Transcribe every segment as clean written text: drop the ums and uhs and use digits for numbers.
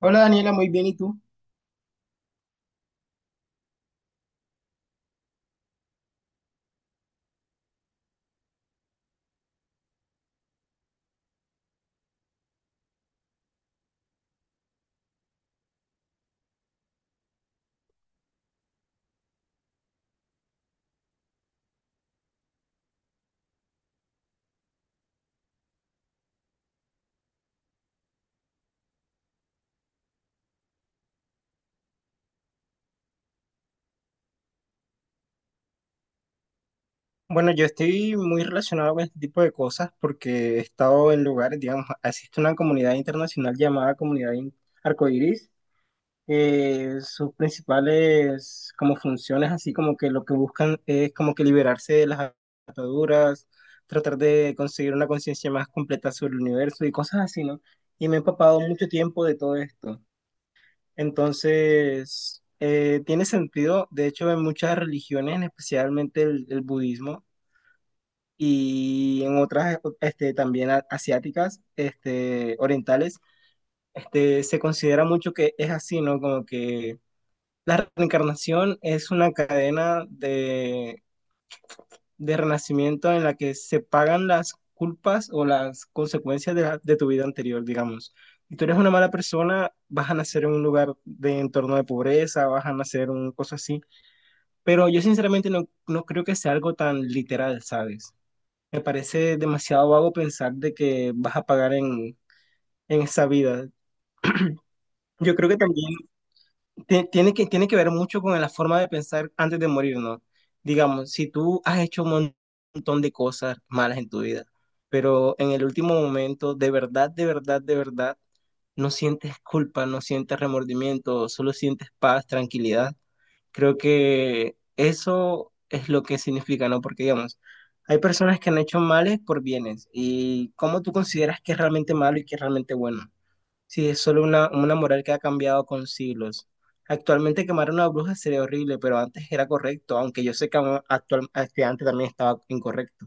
Hola Daniela, muy bien, ¿y tú? Bueno, yo estoy muy relacionado con este tipo de cosas porque he estado en lugares, digamos, existe una comunidad internacional llamada Arcoiris. Sus principales como funciones, así como que lo que buscan es como que liberarse de las ataduras, tratar de conseguir una conciencia más completa sobre el universo y cosas así, ¿no? Y me he empapado mucho tiempo de todo esto. Entonces, tiene sentido, de hecho, en muchas religiones, especialmente el budismo y en otras este, también asiáticas, este, orientales, este, se considera mucho que es así, ¿no? Como que la reencarnación es una cadena de renacimiento en la que se pagan las culpas o las consecuencias de, de tu vida anterior, digamos. Si tú eres una mala persona, vas a nacer en un lugar de entorno de pobreza, vas a nacer en una cosa así. Pero yo sinceramente no creo que sea algo tan literal, ¿sabes? Me parece demasiado vago pensar de que vas a pagar en esa vida. Yo creo que también tiene que ver mucho con la forma de pensar antes de morir, ¿no? Digamos, si tú has hecho un montón de cosas malas en tu vida, pero en el último momento, de verdad, de verdad, de verdad, no sientes culpa, no sientes remordimiento, solo sientes paz, tranquilidad. Creo que eso es lo que significa, ¿no? Porque, digamos, hay personas que han hecho males por bienes. ¿Y cómo tú consideras que es realmente malo y que es realmente bueno? Sí, es solo una moral que ha cambiado con siglos. Actualmente quemar a una bruja sería horrible, pero antes era correcto, aunque yo sé que aún actual, este, antes también estaba incorrecto.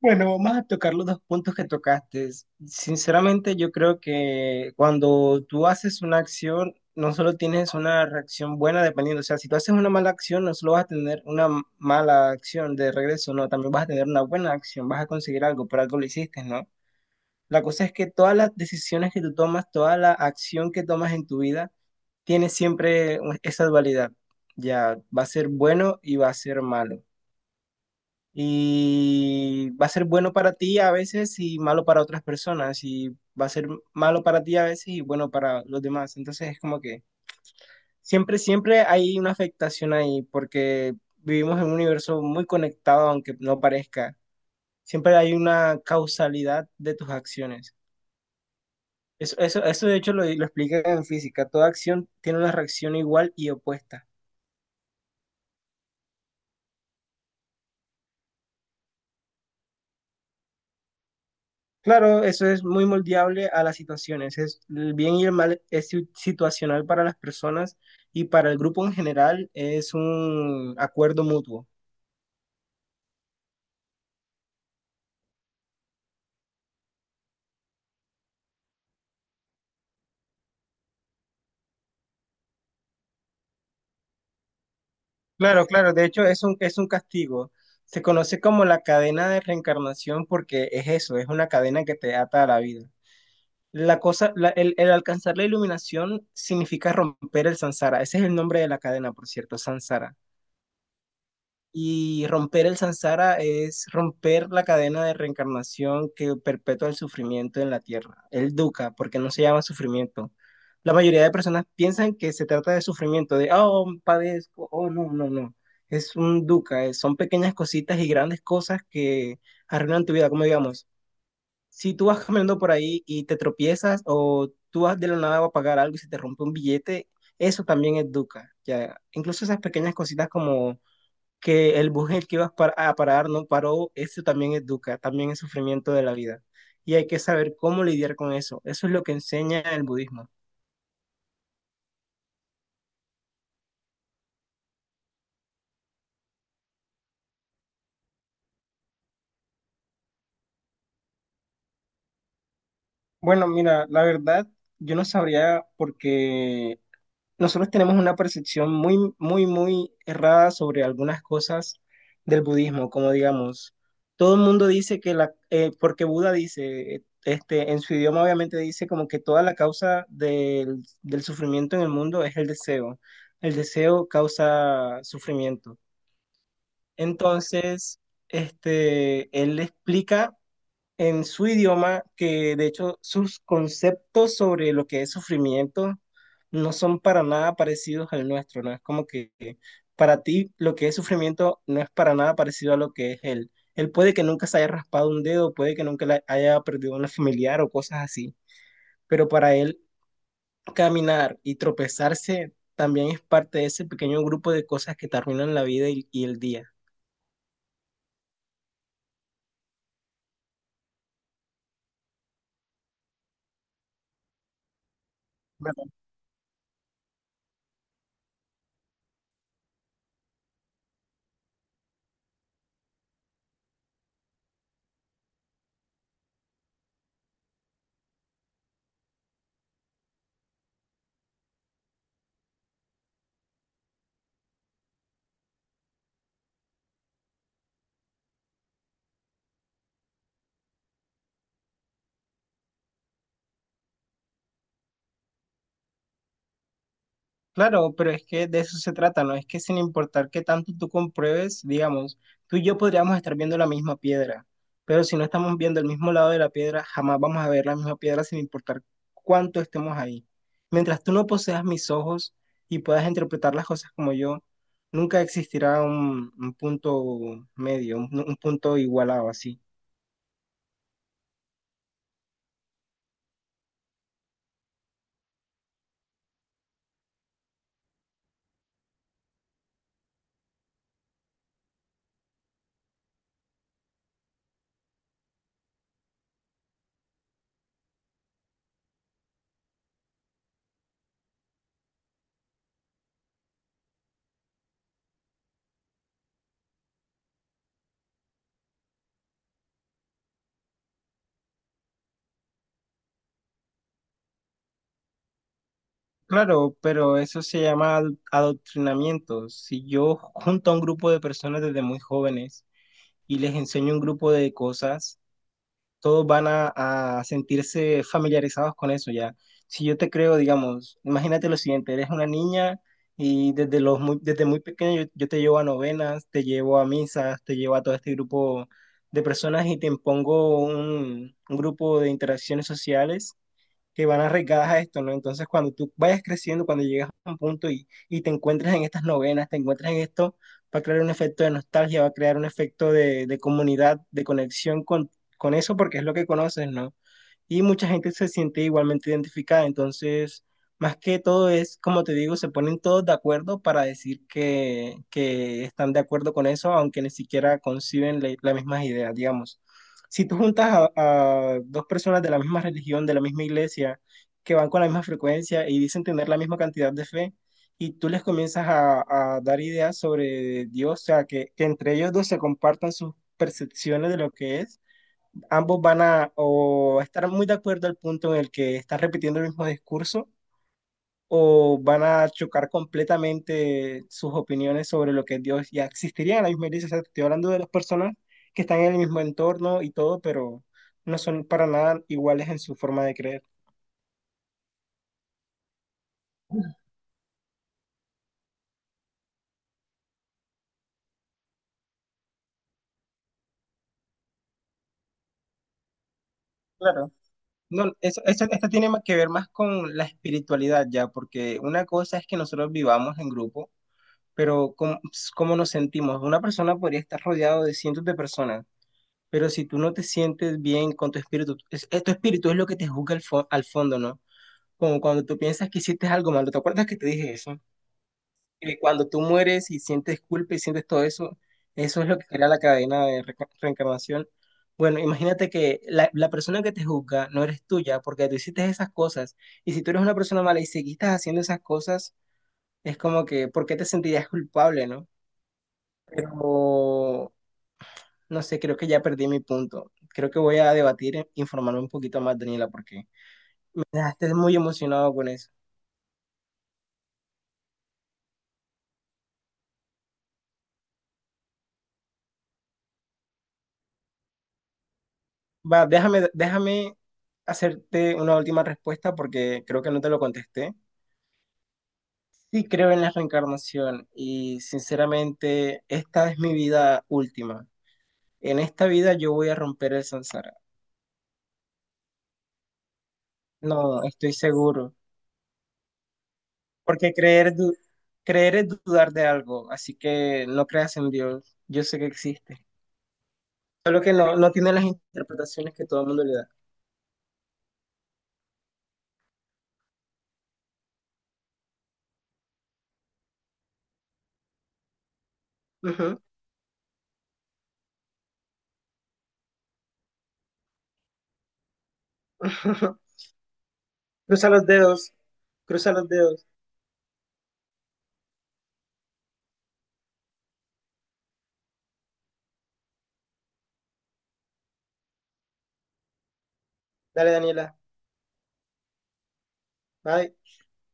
Bueno, vamos a tocar los dos puntos que tocaste. Sinceramente, yo creo que cuando tú haces una acción, no solo tienes una reacción buena dependiendo, o sea, si tú haces una mala acción, no solo vas a tener una mala acción de regreso, no, también vas a tener una buena acción, vas a conseguir algo, por algo lo hiciste, ¿no? La cosa es que todas las decisiones que tú tomas, toda la acción que tomas en tu vida, tiene siempre esa dualidad. Ya va a ser bueno y va a ser malo. Y va a ser bueno para ti a veces y malo para otras personas. Y va a ser malo para ti a veces y bueno para los demás. Entonces es como que siempre, siempre hay una afectación ahí porque vivimos en un universo muy conectado, aunque no parezca. Siempre hay una causalidad de tus acciones. Eso de hecho lo explica en física. Toda acción tiene una reacción igual y opuesta. Claro, eso es muy moldeable a las situaciones. Es, el bien y el mal es situacional para las personas y para el grupo en general es un acuerdo mutuo. Claro, claro, de hecho es es un castigo. Se conoce como la cadena de reencarnación porque es eso, es una cadena que te ata a la vida. La cosa, el alcanzar la iluminación significa romper el samsara. Ese es el nombre de la cadena, por cierto, samsara. Y romper el samsara es romper la cadena de reencarnación que perpetúa el sufrimiento en la tierra, el dukkha, porque no se llama sufrimiento. La mayoría de personas piensan que se trata de sufrimiento, de, oh, padezco, oh, no, no, no. Es un dukkha, son pequeñas cositas y grandes cosas que arruinan tu vida, como digamos, si tú vas caminando por ahí y te tropiezas o tú vas de la nada a pagar algo y se te rompe un billete, eso también es dukkha, ya. Incluso esas pequeñas cositas como que el bus en el que ibas a parar no paró, eso también es dukkha, también es sufrimiento de la vida. Y hay que saber cómo lidiar con eso. Eso es lo que enseña el budismo. Bueno, mira, la verdad, yo no sabría porque nosotros tenemos una percepción muy, muy, muy errada sobre algunas cosas del budismo, como digamos, todo el mundo dice que la, porque Buda dice, este, en su idioma obviamente dice como que toda la causa del sufrimiento en el mundo es el deseo. El deseo causa sufrimiento. Entonces, este, él explica en su idioma, que de hecho sus conceptos sobre lo que es sufrimiento no son para nada parecidos al nuestro, ¿no? Es como que para ti lo que es sufrimiento no es para nada parecido a lo que es él. Él puede que nunca se haya raspado un dedo, puede que nunca le haya perdido una familiar o cosas así, pero para él caminar y tropezarse también es parte de ese pequeño grupo de cosas que te arruinan la vida y el día. Claro, pero es que de eso se trata, ¿no? Es que sin importar qué tanto tú compruebes, digamos, tú y yo podríamos estar viendo la misma piedra, pero si no estamos viendo el mismo lado de la piedra, jamás vamos a ver la misma piedra sin importar cuánto estemos ahí. Mientras tú no poseas mis ojos y puedas interpretar las cosas como yo, nunca existirá un punto medio, un punto igualado así. Claro, pero eso se llama adoctrinamiento. Si yo junto a un grupo de personas desde muy jóvenes, y les enseño un grupo de cosas, todos van a sentirse familiarizados con eso ya. Si yo te creo, digamos, imagínate lo siguiente, eres una niña y desde, los muy, desde muy pequeño yo te llevo a novenas, te llevo a misas, te llevo a todo este grupo de personas y te impongo un grupo de interacciones sociales que van arraigadas a esto, ¿no? Entonces, cuando tú vayas creciendo, cuando llegas a un punto y te encuentras en estas novenas, te encuentras en esto, va a crear un efecto de nostalgia, va a crear un efecto de comunidad, de conexión con eso, porque es lo que conoces, ¿no? Y mucha gente se siente igualmente identificada. Entonces, más que todo es, como te digo, se ponen todos de acuerdo para decir que están de acuerdo con eso, aunque ni siquiera conciben las mismas ideas, digamos. Si tú juntas a dos personas de la misma religión, de la misma iglesia, que van con la misma frecuencia y dicen tener la misma cantidad de fe, y tú les comienzas a dar ideas sobre Dios, o sea, que entre ellos dos se compartan sus percepciones de lo que es ambos van a o estar muy de acuerdo al punto en el que están repitiendo el mismo discurso o van a chocar completamente sus opiniones sobre lo que es Dios ya existiría en la misma iglesia. O sea, estoy hablando de las personas que están en el mismo entorno y todo, pero no son para nada iguales en su forma de creer. Claro. No, esto tiene más que ver más con la espiritualidad ya, porque una cosa es que nosotros vivamos en grupo, pero cómo nos sentimos. Una persona podría estar rodeado de cientos de personas. Pero si tú no te sientes bien con tu espíritu, tu espíritu es lo que te juzga al, al fondo, ¿no? Como cuando tú piensas que hiciste algo malo, ¿te acuerdas que te dije eso? Que cuando tú mueres y sientes culpa y sientes todo eso, eso es lo que crea la cadena de reencarnación. Bueno, imagínate que la persona que te juzga no eres tuya porque tú hiciste esas cosas. Y si tú eres una persona mala y seguiste haciendo esas cosas, es como que, ¿por qué te sentirías culpable, no? Pero no sé, creo que ya perdí mi punto. Creo que voy a debatir, e informarme un poquito más, Daniela, porque me dejaste muy emocionado con eso. Va, déjame hacerte una última respuesta porque creo que no te lo contesté. Sí creo en la reencarnación y sinceramente esta es mi vida última. En esta vida yo voy a romper el samsara. No, estoy seguro. Porque creer, creer es dudar de algo, así que no creas en Dios. Yo sé que existe. Solo que no, no tiene las interpretaciones que todo el mundo le da. Ujú. Cruza los dedos. Cruza los dedos. Dale, Daniela. Bye.